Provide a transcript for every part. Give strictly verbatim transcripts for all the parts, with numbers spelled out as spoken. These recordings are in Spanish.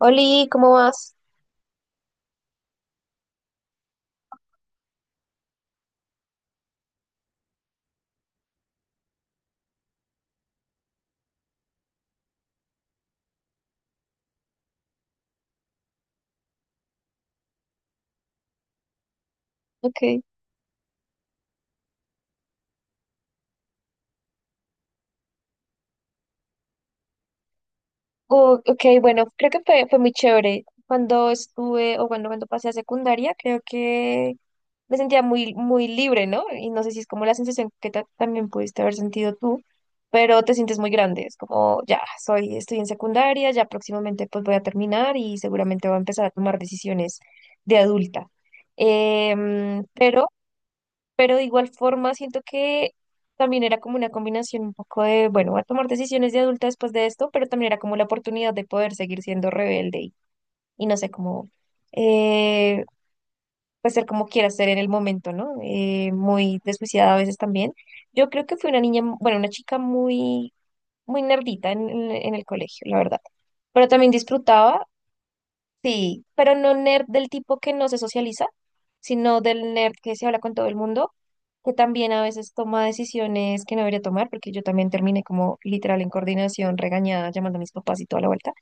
Oli, ¿cómo vas? Oh, ok, bueno, creo que fue, fue muy chévere. Cuando estuve, o bueno, cuando pasé a secundaria, creo que me sentía muy, muy libre, ¿no? Y no sé si es como la sensación que ta- también pudiste haber sentido tú, pero te sientes muy grande. Es como, ya, soy, estoy en secundaria, ya próximamente pues voy a terminar y seguramente voy a empezar a tomar decisiones de adulta. Em, pero pero de igual forma siento que también era como una combinación un poco de, bueno, voy a tomar decisiones de adulta después de esto, pero también era como la oportunidad de poder seguir siendo rebelde y, y no sé, cómo eh, pues ser como quiera ser en el momento, ¿no? Eh, muy desjuiciada a veces también. Yo creo que fui una niña, bueno, una chica muy, muy nerdita en, en en el colegio, la verdad, pero también disfrutaba. Sí, pero no nerd del tipo que no se socializa, sino del nerd que se habla con todo el mundo, que también a veces toma decisiones que no debería tomar, porque yo también terminé como literal en coordinación, regañada, llamando a mis papás y toda la vuelta,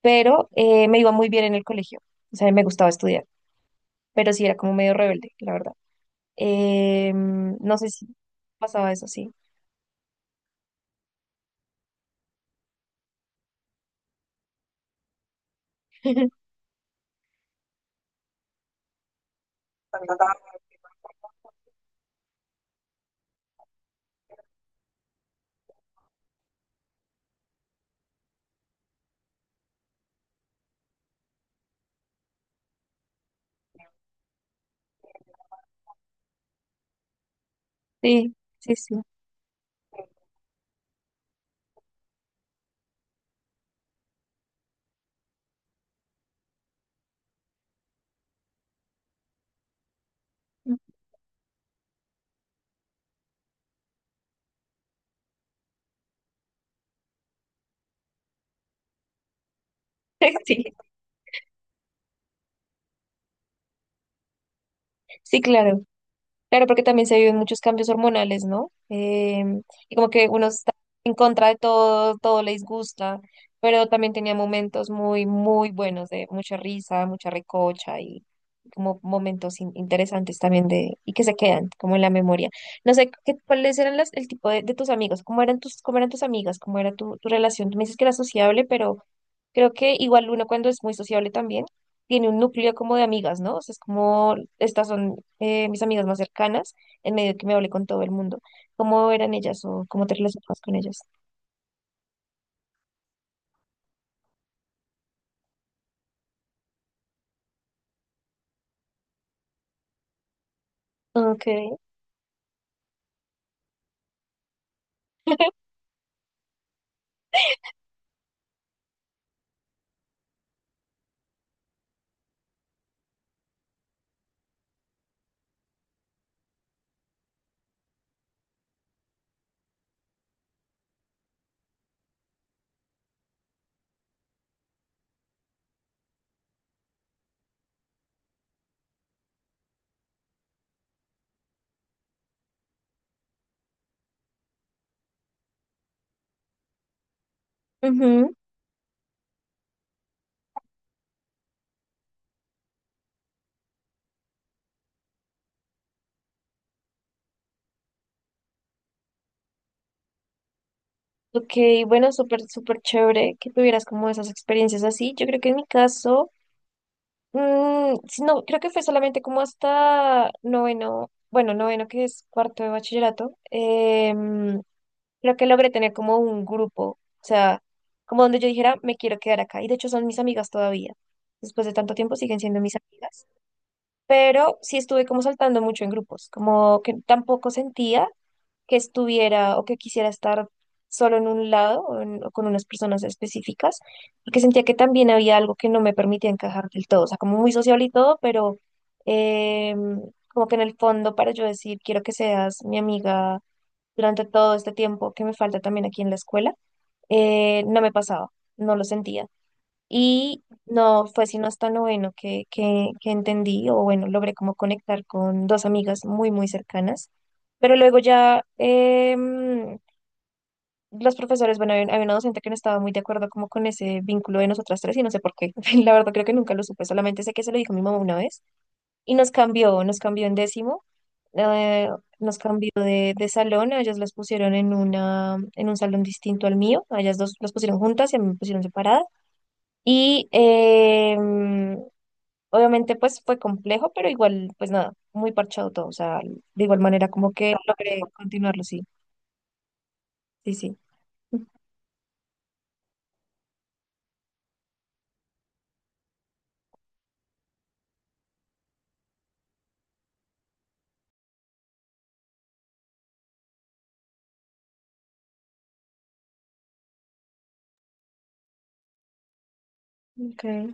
pero eh, me iba muy bien en el colegio, o sea, me gustaba estudiar, pero sí era como medio rebelde, la verdad. Eh, no sé si pasaba eso, sí. Sí, sí, sí. Sí, sí, claro. Claro, porque también se viven muchos cambios hormonales, ¿no? Em, y como que uno está en contra de todo, todo le disgusta, pero también tenía momentos muy, muy buenos de mucha risa, mucha recocha y como momentos in- interesantes también de, y que se quedan como en la memoria. No sé, ¿qué, cuáles eran las, el tipo de, de tus amigos? ¿Cómo eran tus, cómo eran tus amigas? ¿Cómo era tu, tu relación? Tú me dices que era sociable, pero creo que igual uno cuando es muy sociable también tiene un núcleo como de amigas, ¿no? O sea, es como, estas son eh, mis amigas más cercanas, en medio de que me hablé con todo el mundo. ¿Cómo eran ellas o cómo te relacionabas con ellas? Okay. Ujú. Ok, bueno, súper, súper chévere que tuvieras como esas experiencias así. Yo creo que en mi caso, mm, si no, creo que fue solamente como hasta noveno, bueno, noveno que es cuarto de bachillerato. em, Creo que logré tener como un grupo, o sea, como donde yo dijera, me quiero quedar acá. Y de hecho son mis amigas todavía. Después de tanto tiempo siguen siendo mis amigas. Pero sí estuve como saltando mucho en grupos, como que tampoco sentía que estuviera o que quisiera estar solo en un lado o, en- o con unas personas específicas, porque sentía que también había algo que no me permitía encajar del todo. O sea, como muy social y todo, pero em, como que en el fondo para yo decir, quiero que seas mi amiga durante todo este tiempo que me falta también aquí en la escuela, eh, no me pasaba, no lo sentía. Y no fue sino hasta noveno que, que, que entendí, o bueno, logré como conectar con dos amigas muy, muy cercanas. Pero luego ya em, los profesores, bueno, había, había una docente que no estaba muy de acuerdo como con ese vínculo de nosotras tres y no sé por qué. La verdad creo que nunca lo supe, solamente sé que se lo dijo mi mamá una vez. Y nos cambió, nos cambió en décimo eh, nos cambió de, de salón, a ellas las pusieron en una, en un salón distinto al mío, a ellas dos las pusieron juntas y a mí me pusieron separadas. Y eh, mm, obviamente pues fue complejo, pero igual, pues nada, muy parchado todo, o sea, de igual manera como que logré continuarlo, sí, sí, sí. Okay,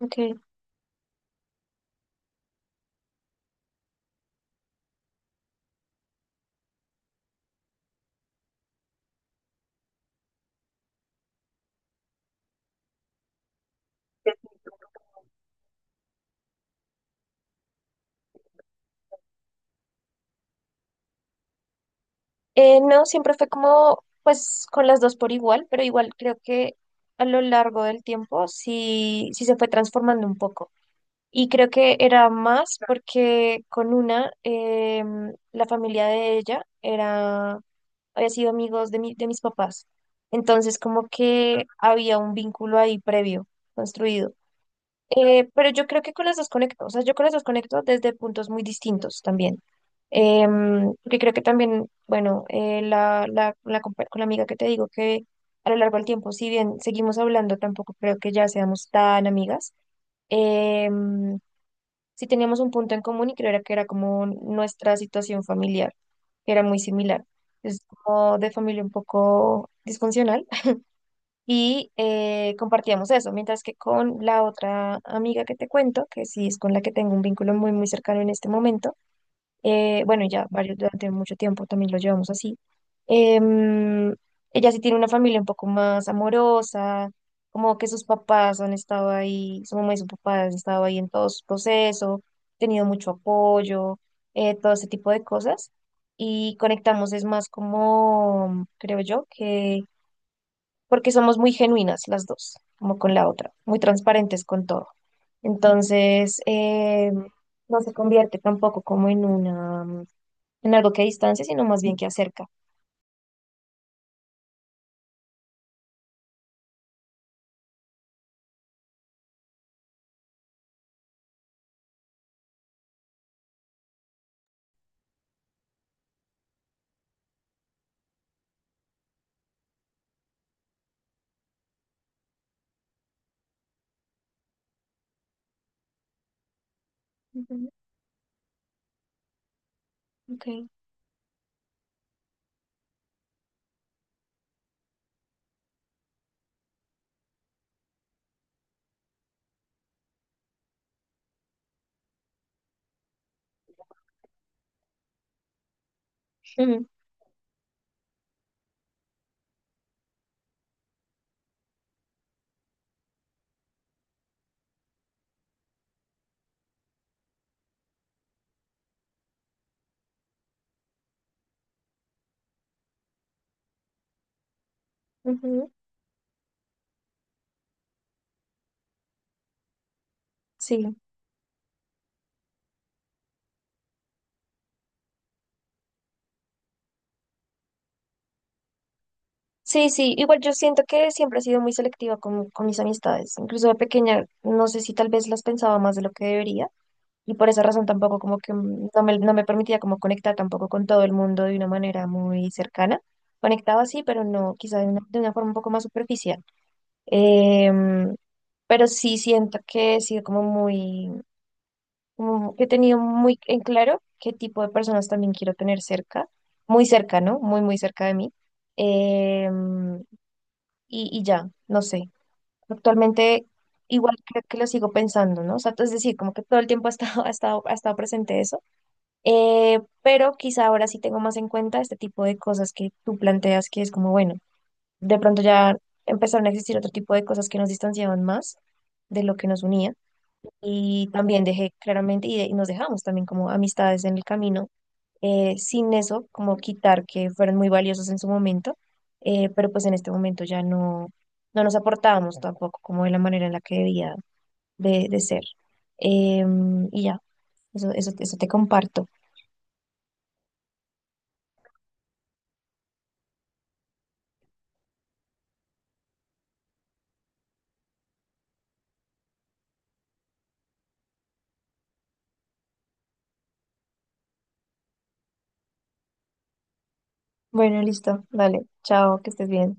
okay. Eh, no, siempre fue como, pues, con las dos por igual, pero igual creo que a lo largo del tiempo sí, sí se fue transformando un poco. Y creo que era más porque con una, em, la familia de ella era, había sido amigos de mi- de mis papás. Entonces, como que había un vínculo ahí previo, construido. Eh, pero yo creo que con las dos conecto, o sea, yo con las dos conecto desde puntos muy distintos también. Em, porque creo que también, bueno, eh, la, la, la compa- con la amiga que te digo que a lo largo del tiempo, si bien seguimos hablando, tampoco creo que ya seamos tan amigas. Em, sí teníamos un punto en común y creo era que era como nuestra situación familiar, que era muy similar. Es como de familia un poco disfuncional. Y eh, compartíamos eso, mientras que con la otra amiga que te cuento, que sí es con la que tengo un vínculo muy, muy cercano en este momento, eh, bueno, y ya varios durante mucho tiempo también lo llevamos así. Em, ella sí tiene una familia un poco más amorosa, como que sus papás han estado ahí, su mamá y su papá han estado ahí en todo su proceso, tenido mucho apoyo, eh, todo ese tipo de cosas. Y conectamos es más como, creo yo, que porque somos muy genuinas las dos, como con la otra, muy transparentes con todo. Entonces, em, no se convierte tampoco como en una, en algo que distancia, sino más bien que acerca. Ujú. Ok. Ujú, ujú. Sí, sí, sí. Igual yo siento que siempre he sido muy selectiva con, con mis amistades. Incluso de pequeña, no sé si tal vez las pensaba más de lo que debería. Y por esa razón tampoco como que mm, no me, no me permitía como conectar tampoco con todo el mundo de una manera muy cercana. Conectaba sí, pero no, quizá de una, de una forma un poco más superficial. Em, pero sí siento que he sido como muy, como que he tenido muy en claro qué tipo de personas también quiero tener cerca, muy cerca, ¿no? Muy, muy cerca de mí. Em, y, y ya, no sé. Actualmente igual creo que lo sigo pensando, ¿no? O sea, es decir, como que todo el tiempo ha estado, ha estado, ha estado presente eso. Eh, pero quizá ahora sí tengo más en cuenta este tipo de cosas que tú planteas, que es como, bueno, de pronto ya empezaron a existir otro tipo de cosas que nos distanciaban más de lo que nos unía. Y también dejé claramente, y, de- y nos dejamos también como amistades en el camino, eh, sin eso, como quitar que fueron muy valiosos en su momento, eh, pero pues en este momento ya no, no nos aportábamos tampoco como de la manera en la que debía de, de ser. Em, y ya, eso, eso, eso te comparto. Bueno, listo, dale, chao, que estés bien.